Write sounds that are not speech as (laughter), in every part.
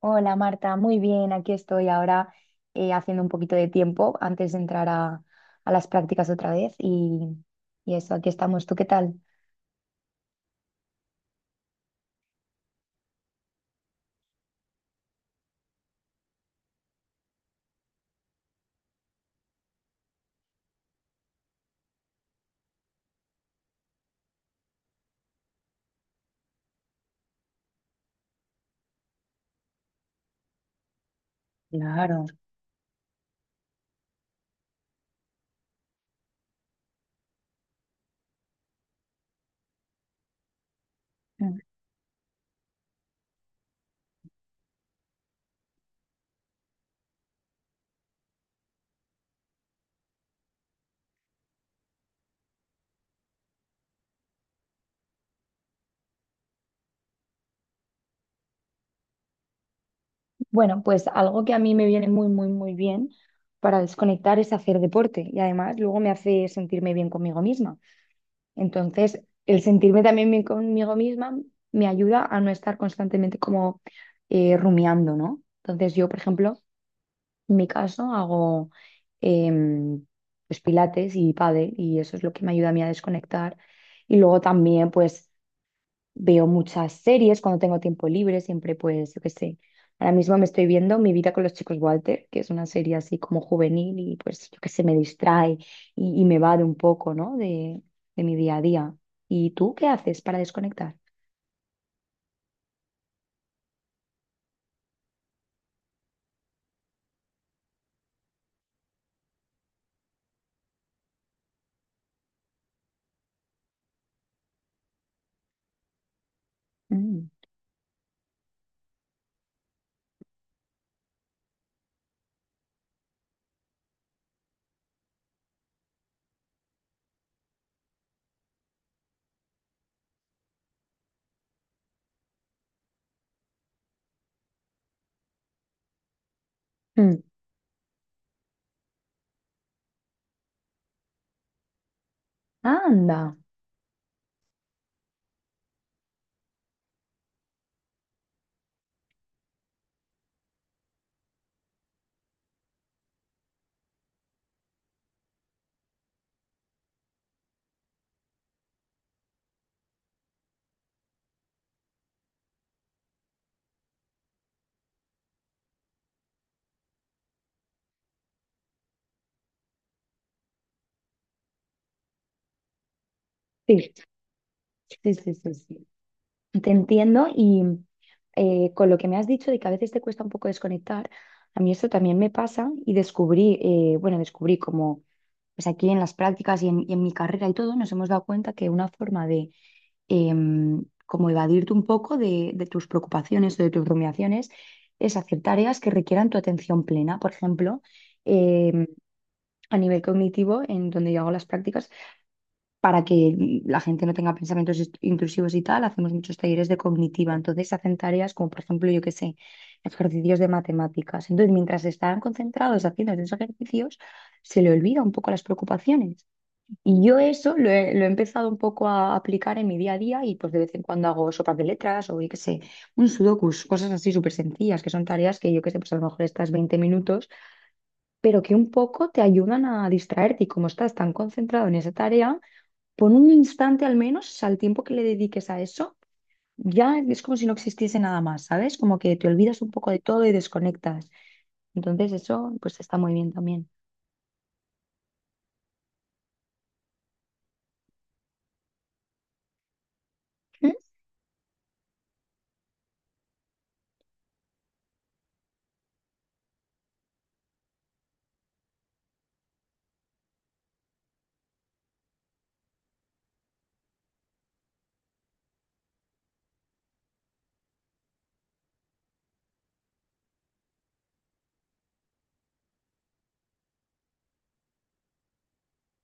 Hola Marta, muy bien, aquí estoy ahora haciendo un poquito de tiempo antes de entrar a las prácticas otra vez y eso, aquí estamos. ¿Tú qué tal? Claro. Mm. Bueno, pues algo que a mí me viene muy, muy, muy bien para desconectar es hacer deporte y además luego me hace sentirme bien conmigo misma. Entonces, el sentirme también bien conmigo misma me ayuda a no estar constantemente como rumiando, ¿no? Entonces, yo, por ejemplo, en mi caso hago em, pues pilates y pádel y eso es lo que me ayuda a mí a desconectar. Y luego también pues veo muchas series cuando tengo tiempo libre, siempre pues yo qué sé. Ahora mismo me estoy viendo Mi vida con los chicos Walter, que es una serie así como juvenil y pues yo qué sé, me distrae y me va de un poco, ¿no? De mi día a día. ¿Y tú qué haces para desconectar? Mm. Mm. Anda. Sí, sí, sí, sí, sí. Te entiendo y, con lo que me has dicho de que a veces te cuesta un poco desconectar, a mí esto también me pasa y descubrí, bueno, descubrí como pues aquí en las prácticas y en mi carrera y todo, nos hemos dado cuenta que una forma de, como evadirte un poco de tus preocupaciones o de tus rumiaciones, es hacer tareas que requieran tu atención plena. Por ejemplo, em, a nivel cognitivo, en donde yo hago las prácticas, para que la gente no tenga pensamientos intrusivos y tal, hacemos muchos talleres de cognitiva. Entonces hacen tareas como, por ejemplo, yo qué sé, ejercicios de matemáticas. Entonces, mientras están concentrados haciendo esos ejercicios, se le olvida un poco las preocupaciones. Y yo eso lo he empezado un poco a aplicar en mi día a día y pues de vez en cuando hago sopas de letras o yo qué sé, un sudokus, cosas así súper sencillas, que son tareas que yo qué sé, pues a lo mejor estás 20 minutos, pero que un poco te ayudan a distraerte y, como estás tan concentrado en esa tarea por un instante al menos, al tiempo que le dediques a eso, ya es como si no existiese nada más, ¿sabes? Como que te olvidas un poco de todo y desconectas. Entonces eso pues está muy bien también. ¿Mm?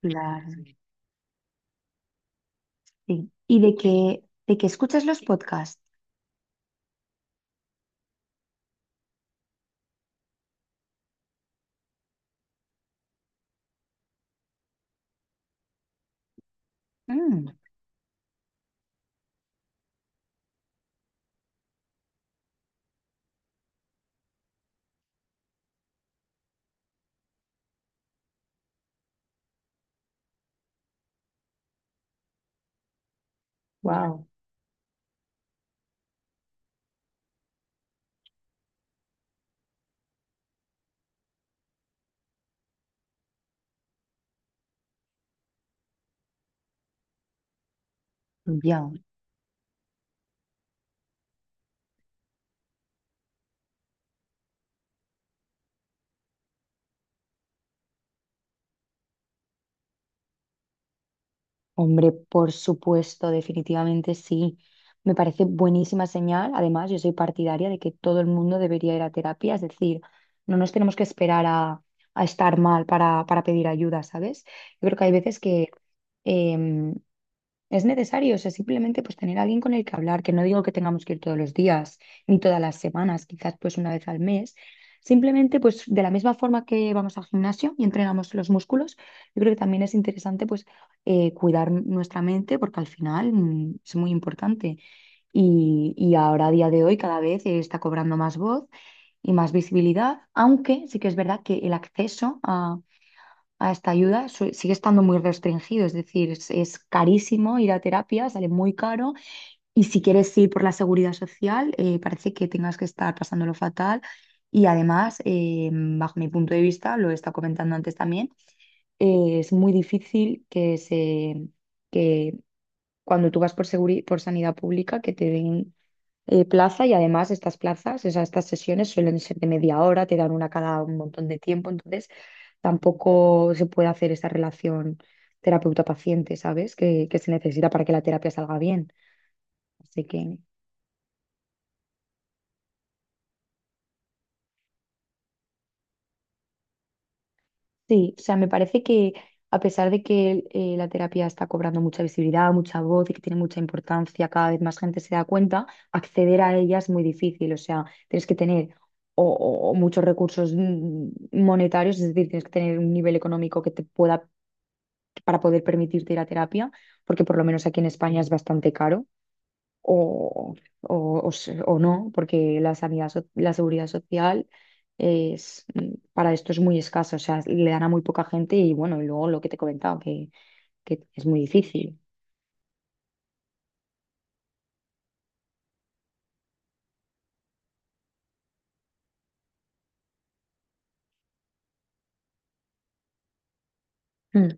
Claro, sí. Y de que, escuchas los podcasts. Mm. Wow, ya. Hombre, por supuesto, definitivamente sí. Me parece buenísima señal. Además, yo soy partidaria de que todo el mundo debería ir a terapia. Es decir, no nos tenemos que esperar a estar mal para pedir ayuda, ¿sabes? Yo creo que hay veces que, em, es necesario, o sea, simplemente pues tener a alguien con el que hablar, que no digo que tengamos que ir todos los días, ni todas las semanas, quizás pues una vez al mes. Simplemente pues de la misma forma que vamos al gimnasio y entrenamos los músculos, yo creo que también es interesante pues cuidar nuestra mente porque al final es muy importante. Y ahora a día de hoy cada vez está cobrando más voz y más visibilidad, aunque sí que es verdad que el acceso a esta ayuda sigue estando muy restringido. Es decir, es carísimo ir a terapia, sale muy caro, y si quieres ir por la seguridad social, parece que tengas que estar pasándolo fatal. Y además, bajo mi punto de vista, lo he estado comentando antes también, es muy difícil que que cuando tú vas por por sanidad pública, que te den plaza. Y además estas plazas, o sea, estas sesiones suelen ser de media hora, te dan una cada un montón de tiempo. Entonces tampoco se puede hacer esa relación terapeuta-paciente, ¿sabes? Que se necesita para que la terapia salga bien. Así que... Sí, o sea, me parece que a pesar de que, la terapia está cobrando mucha visibilidad, mucha voz y que tiene mucha importancia, cada vez más gente se da cuenta, acceder a ella es muy difícil. O sea, tienes que tener o muchos recursos, monetarios. Es decir, tienes que tener un nivel económico que te pueda, para poder permitirte ir a terapia, porque por lo menos aquí en España es bastante caro o, o no, porque la sanidad, la seguridad social para esto es muy escasa, o sea, le dan a muy poca gente. Y bueno, y luego lo que te he comentado, que es muy difícil. Mm.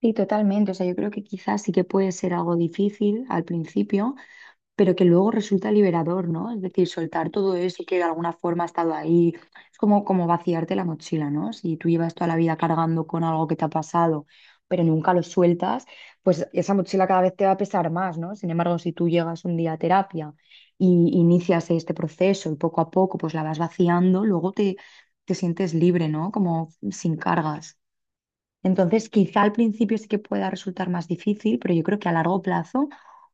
Sí, totalmente. O sea, yo creo que quizás sí que puede ser algo difícil al principio, pero que luego resulta liberador, ¿no? Es decir, soltar todo eso que de alguna forma ha estado ahí, es como vaciarte la mochila, ¿no? Si tú llevas toda la vida cargando con algo que te ha pasado, pero nunca lo sueltas, pues esa mochila cada vez te va a pesar más, ¿no? Sin embargo, si tú llegas un día a terapia y inicias este proceso y poco a poco pues la vas vaciando, luego te sientes libre, ¿no? Como sin cargas. Entonces, quizá al principio sí que pueda resultar más difícil, pero yo creo que a largo plazo,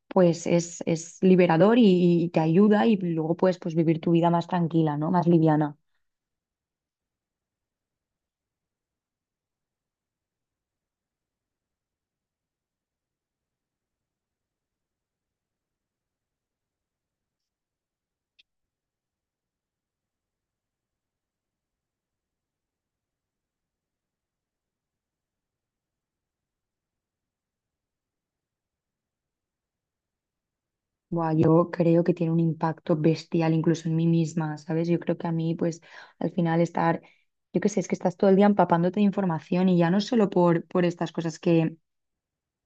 pues es liberador y te ayuda, y luego puedes pues vivir tu vida más tranquila, ¿no? Más liviana. Buah, yo creo que tiene un impacto bestial incluso en mí misma, ¿sabes? Yo creo que a mí, pues al final estar, yo qué sé, es que estás todo el día empapándote de información, y ya no solo por estas cosas que,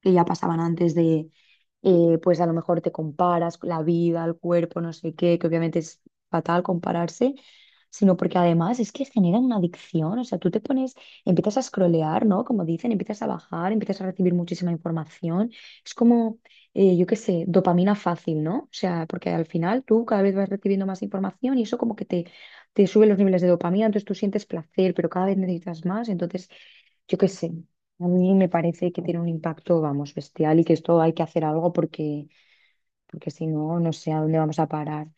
que ya pasaban antes de, pues a lo mejor te comparas con la vida, el cuerpo, no sé qué, que obviamente es fatal compararse, sino porque además es que genera una adicción. O sea, tú te pones, empiezas a scrollear, ¿no? Como dicen, empiezas a bajar, empiezas a recibir muchísima información, es como, yo qué sé, dopamina fácil, ¿no? O sea, porque al final tú cada vez vas recibiendo más información y eso como que te sube los niveles de dopamina, entonces tú sientes placer, pero cada vez necesitas más. Entonces yo qué sé, a mí me parece que tiene un impacto, vamos, bestial, y que esto hay que hacer algo porque, si no, no sé a dónde vamos a parar,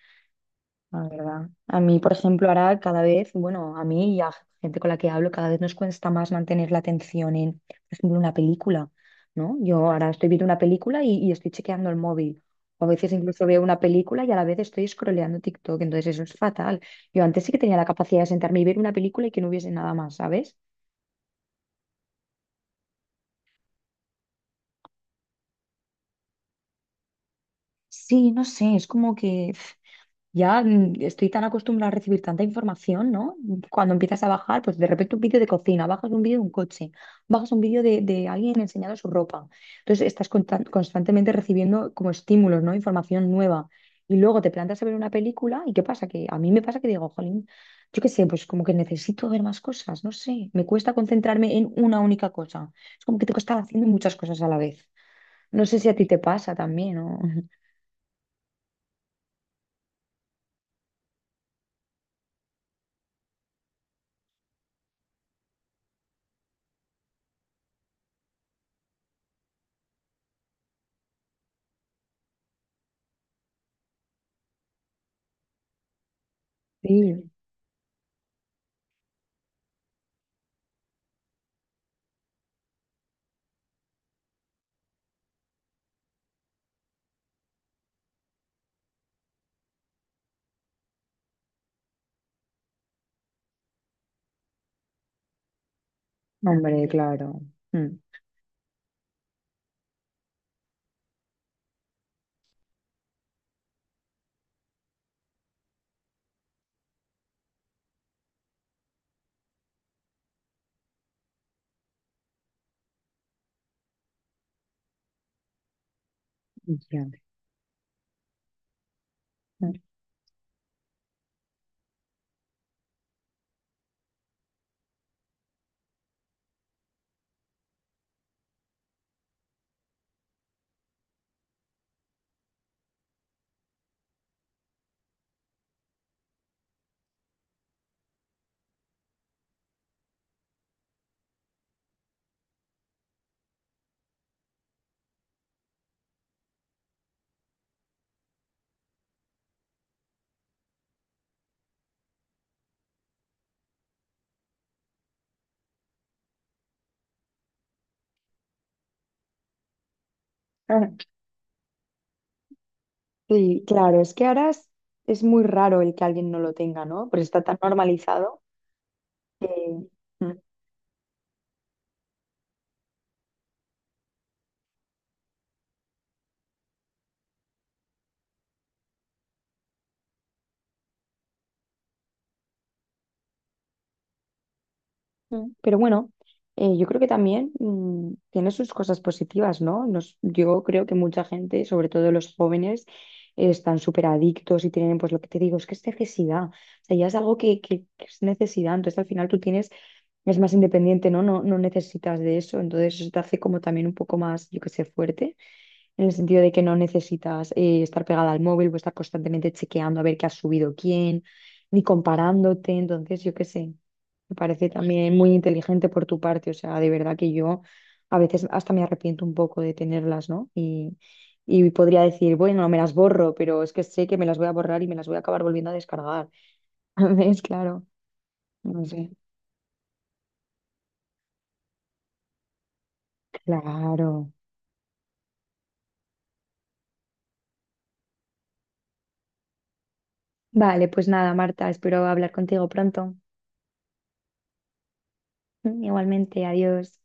la verdad. A mí, por ejemplo, ahora cada vez, bueno, a mí y a gente con la que hablo, cada vez nos cuesta más mantener la atención en, por ejemplo, una película, ¿no? Yo ahora estoy viendo una película y estoy chequeando el móvil. O a veces incluso veo una película y a la vez estoy scrolleando TikTok, entonces eso es fatal. Yo antes sí que tenía la capacidad de sentarme y ver una película y que no hubiese nada más, ¿sabes? Sí, no sé, es como que ya estoy tan acostumbrada a recibir tanta información, ¿no? Cuando empiezas a bajar, pues de repente un vídeo de cocina, bajas un vídeo de un coche, bajas un vídeo de alguien enseñando su ropa. Entonces estás constantemente recibiendo como estímulos, ¿no? Información nueva. Y luego te plantas a ver una película y ¿qué pasa? Que a mí me pasa que digo, jolín, yo qué sé, pues como que necesito ver más cosas, no sé. Me cuesta concentrarme en una única cosa. Es como que tengo que estar haciendo muchas cosas a la vez. No sé si a ti te pasa también, ¿no? (laughs) Sí, hombre, claro. Mm. Entiendo. Ah, sí, claro, es que ahora es, muy raro el que alguien no lo tenga, ¿no? Porque está tan normalizado que... Mm, mm. Pero bueno, yo creo que también, tiene sus cosas positivas, ¿no? Yo creo que mucha gente, sobre todo los jóvenes, están súper adictos y tienen, pues lo que te digo, es que es necesidad. O sea, ya es algo que es necesidad. Entonces al final tú tienes, es más independiente, ¿no? No, no necesitas de eso. Entonces eso te hace como también un poco más, yo qué sé, fuerte, en el sentido de que no necesitas, estar pegada al móvil o estar constantemente chequeando a ver qué ha subido quién, ni comparándote. Entonces, yo qué sé, me parece también muy inteligente por tu parte. O sea, de verdad que yo a veces hasta me arrepiento un poco de tenerlas, ¿no? Y podría decir, bueno, me las borro, pero es que sé que me las voy a borrar y me las voy a acabar volviendo a descargar. (laughs) ¿Ves? Claro. No sé. Claro. Vale, pues nada, Marta, espero hablar contigo pronto. (laughs) Igualmente, adiós.